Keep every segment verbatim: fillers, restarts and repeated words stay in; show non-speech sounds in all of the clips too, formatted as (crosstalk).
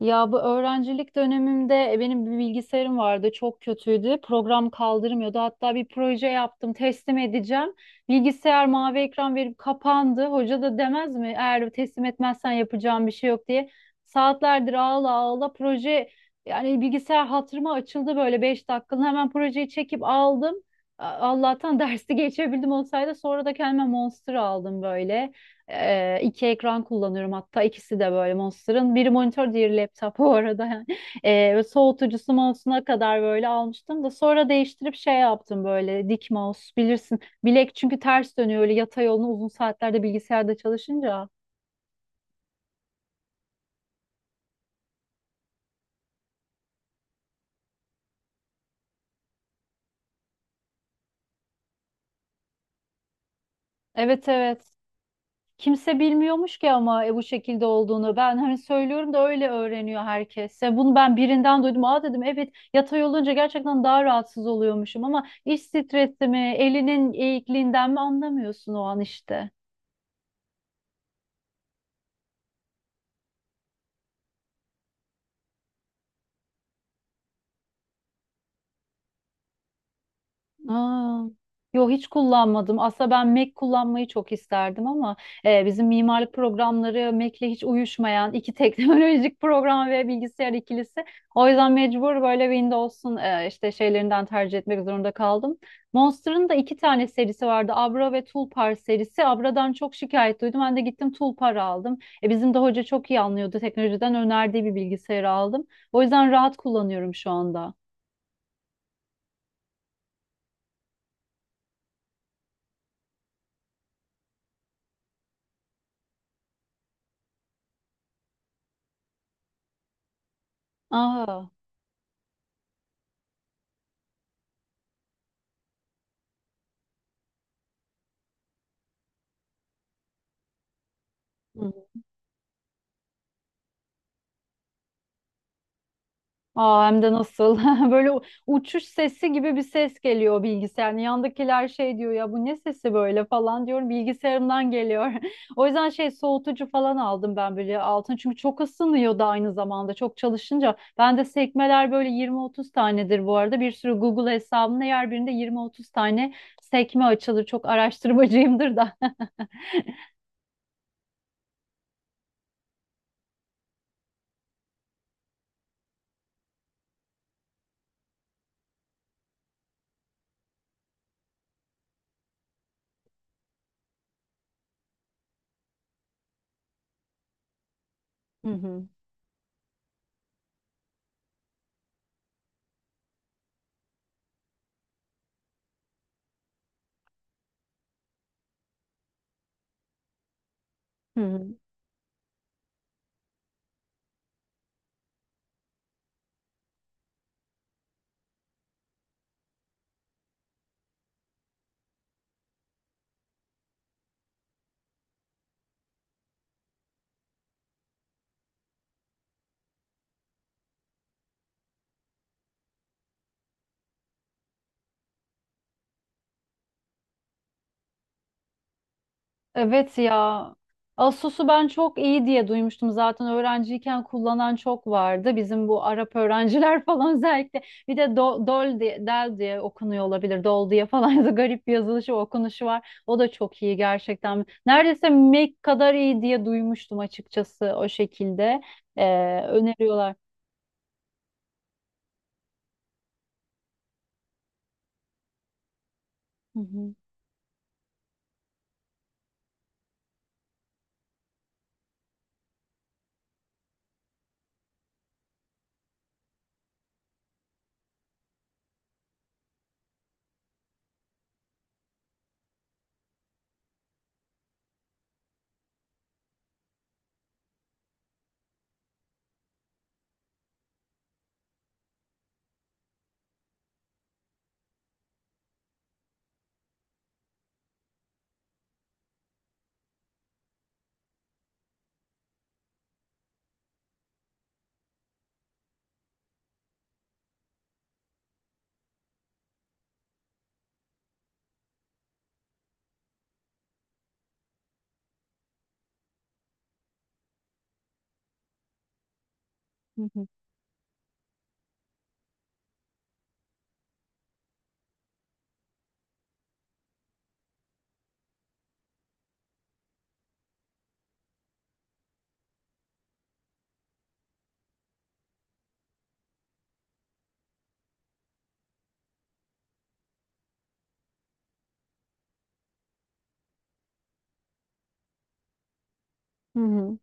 Ya bu öğrencilik dönemimde e, benim bir bilgisayarım vardı, çok kötüydü. Program kaldırmıyordu. Hatta bir proje yaptım, teslim edeceğim. Bilgisayar mavi ekran verip kapandı. Hoca da demez mi eğer teslim etmezsen yapacağım bir şey yok diye. Saatlerdir ağla ağla proje, yani bilgisayar hatırıma açıldı böyle, beş dakikalığına hemen projeyi çekip aldım. A- Allah'tan (laughs) dersi geçebildim, olsaydı sonra da kendime Monster aldım böyle. Ee, iki ekran kullanıyorum, hatta ikisi de böyle Monster'ın. Biri monitör, diğeri laptop bu arada. (laughs) Yani. Ee, ve soğutucusu mouse'una kadar böyle almıştım da sonra değiştirip şey yaptım, böyle dik mouse, bilirsin. Bilek çünkü ters dönüyor öyle, yatay yolunu uzun saatlerde bilgisayarda çalışınca. Evet evet. Kimse bilmiyormuş ki ama e, bu şekilde olduğunu. Ben hani söylüyorum da öyle öğreniyor herkes. Ya bunu ben birinden duydum. Aa dedim, evet yatay olunca gerçekten daha rahatsız oluyormuşum, ama iş stresi mi, elinin eğikliğinden mi anlamıyorsun o an işte. Aa, yo hiç kullanmadım. Aslında ben Mac kullanmayı çok isterdim ama e, bizim mimarlık programları Mac'le hiç uyuşmayan iki (laughs) teknolojik program ve bilgisayar ikilisi. O yüzden mecbur böyle Windows'un e, işte şeylerinden tercih etmek zorunda kaldım. Monster'ın da iki tane serisi vardı. Abra ve Tulpar serisi. Abra'dan çok şikayet duydum. Ben de gittim Tulpar aldım. E, bizim de hoca çok iyi anlıyordu. Teknolojiden önerdiği bir bilgisayarı aldım. O yüzden rahat kullanıyorum şu anda. Aa. Hı. Aa, hem de nasıl? (laughs) Böyle u- uçuş sesi gibi bir ses geliyor o bilgisayarın. Yandakiler şey diyor ya, bu ne sesi böyle falan diyorum. Bilgisayarımdan geliyor. (laughs) O yüzden şey, soğutucu falan aldım ben böyle altın. Çünkü çok ısınıyor da aynı zamanda çok çalışınca. Bende sekmeler böyle yirmi otuz tanedir bu arada. Bir sürü Google hesabımda yer, birinde yirmi otuz tane sekme açılır. Çok araştırmacıyımdır da. (laughs) Hı hı. Hı hı. Evet ya. Asus'u ben çok iyi diye duymuştum, zaten öğrenciyken kullanan çok vardı. Bizim bu Arap öğrenciler (laughs) falan özellikle. Bir de Do- Dol diye, Del diye okunuyor olabilir. Dol diye falan (laughs) da garip bir yazılışı okunuşu var. O da çok iyi gerçekten. Neredeyse Mac kadar iyi diye duymuştum açıkçası, o şekilde. Ee, öneriyorlar. Hı hı, hı hı, hı hı.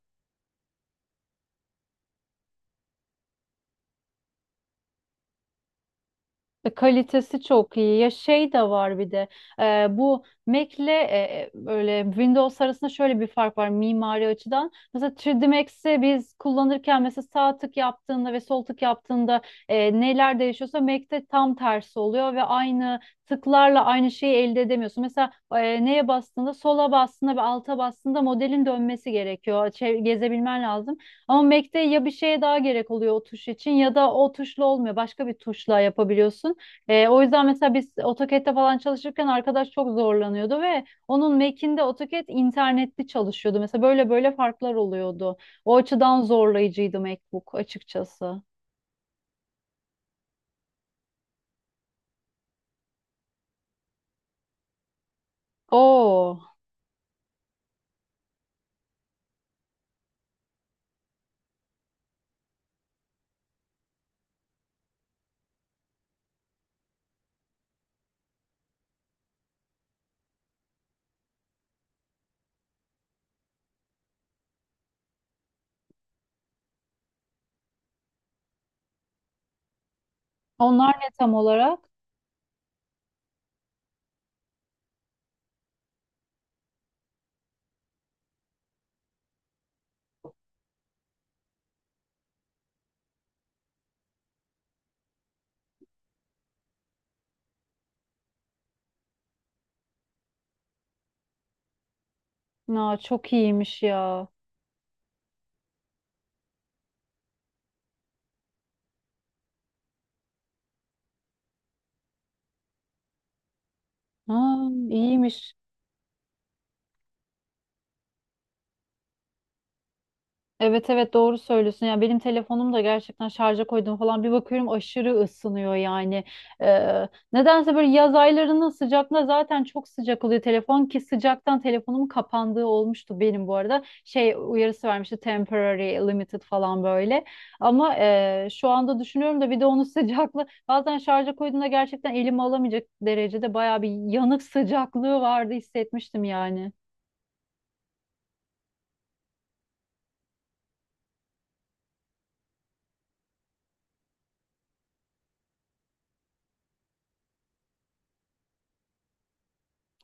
E, kalitesi çok iyi. Ya şey de var bir de e, bu Mac'le e, e, böyle Windows arasında şöyle bir fark var mimari açıdan. Mesela üç D Max'i biz kullanırken mesela sağ tık yaptığında ve sol tık yaptığında e, neler değişiyorsa Mac'te tam tersi oluyor ve aynı tıklarla aynı şeyi elde edemiyorsun. Mesela e, neye bastığında, sola bastığında ve alta bastığında modelin dönmesi gerekiyor. Çev- gezebilmen lazım. Ama Mac'te ya bir şeye daha gerek oluyor o tuş için, ya da o tuşla olmuyor. Başka bir tuşla yapabiliyorsun. E, o yüzden mesela biz AutoCAD'de falan çalışırken arkadaş çok zorlanıyordu ve onun Mac'inde AutoCAD internetli çalışıyordu. Mesela böyle böyle farklar oluyordu. O açıdan zorlayıcıydı MacBook açıkçası. Oo, onlar ne tam olarak? Aa, çok iyiymiş ya. Aa, iyiymiş. Evet evet, doğru söylüyorsun. Ya benim telefonum da gerçekten, şarja koydum falan bir bakıyorum aşırı ısınıyor yani. Ee, nedense böyle yaz aylarının sıcaklığı zaten çok sıcak oluyor telefon, ki sıcaktan telefonumun kapandığı olmuştu benim bu arada. Şey, uyarısı vermişti, temporary limited falan böyle. Ama e, şu anda düşünüyorum da bir de onun (laughs) sıcaklığı bazen, şarja koyduğumda gerçekten elimi alamayacak derecede bayağı bir yanık sıcaklığı vardı, hissetmiştim yani.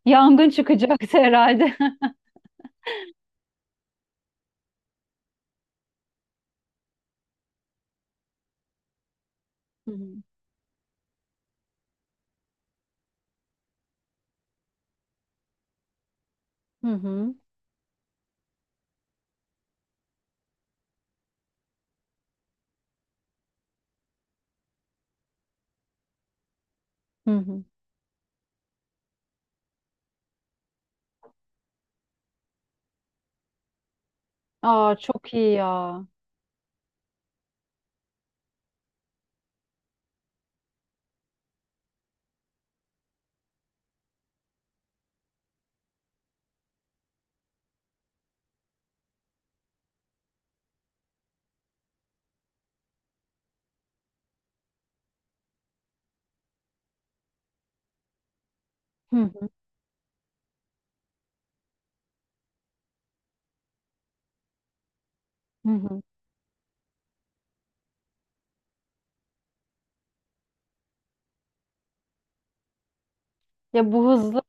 Yangın çıkacaktı herhalde. (laughs) Hı hı. Hı hı. Hı hı. Aa, çok iyi ya. Hı hı. Hı hı. Ya bu hızlı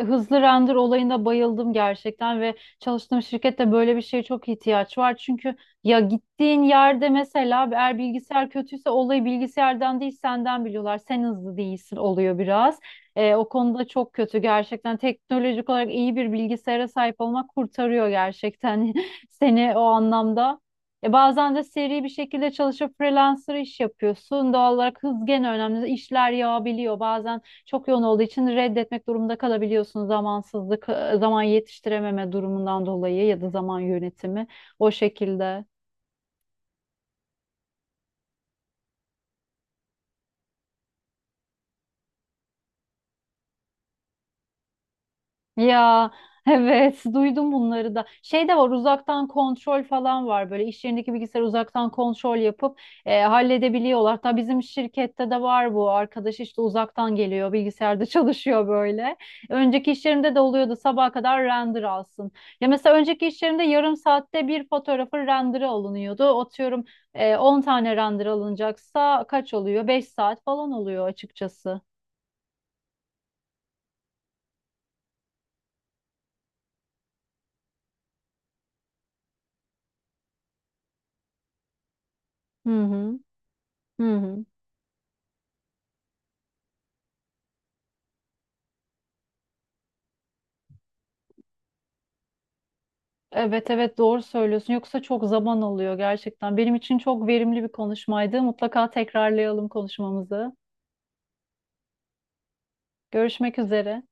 Hızlı render olayına bayıldım gerçekten ve çalıştığım şirkette böyle bir şeye çok ihtiyaç var. Çünkü ya gittiğin yerde mesela eğer bilgisayar kötüyse olayı bilgisayardan değil senden biliyorlar. Sen hızlı değilsin oluyor biraz. Ee, o konuda çok kötü gerçekten. Teknolojik olarak iyi bir bilgisayara sahip olmak kurtarıyor gerçekten (laughs) seni o anlamda. E bazen de seri bir şekilde çalışıp freelancer iş yapıyorsun. Doğal olarak hız gene önemli. İşler yağabiliyor. Bazen çok yoğun olduğu için reddetmek durumunda kalabiliyorsun, zamansızlık, e, zaman yetiştirememe durumundan dolayı ya da zaman yönetimi, o şekilde. Ya (laughs) evet, duydum bunları da. Şey de var, uzaktan kontrol falan var. Böyle iş yerindeki bilgisayar uzaktan kontrol yapıp e, halledebiliyorlar. Hatta bizim şirkette de var bu. Arkadaş işte uzaktan geliyor, bilgisayarda (laughs) çalışıyor böyle. Önceki iş yerimde de oluyordu, sabaha kadar render alsın. Ya mesela önceki iş yerimde yarım saatte bir fotoğrafın renderı alınıyordu. Atıyorum e, on tane render alınacaksa kaç oluyor? Beş saat falan oluyor açıkçası. Hı hı. Hı hı. Evet evet, doğru söylüyorsun. Yoksa çok zaman alıyor gerçekten. Benim için çok verimli bir konuşmaydı. Mutlaka tekrarlayalım konuşmamızı. Görüşmek üzere.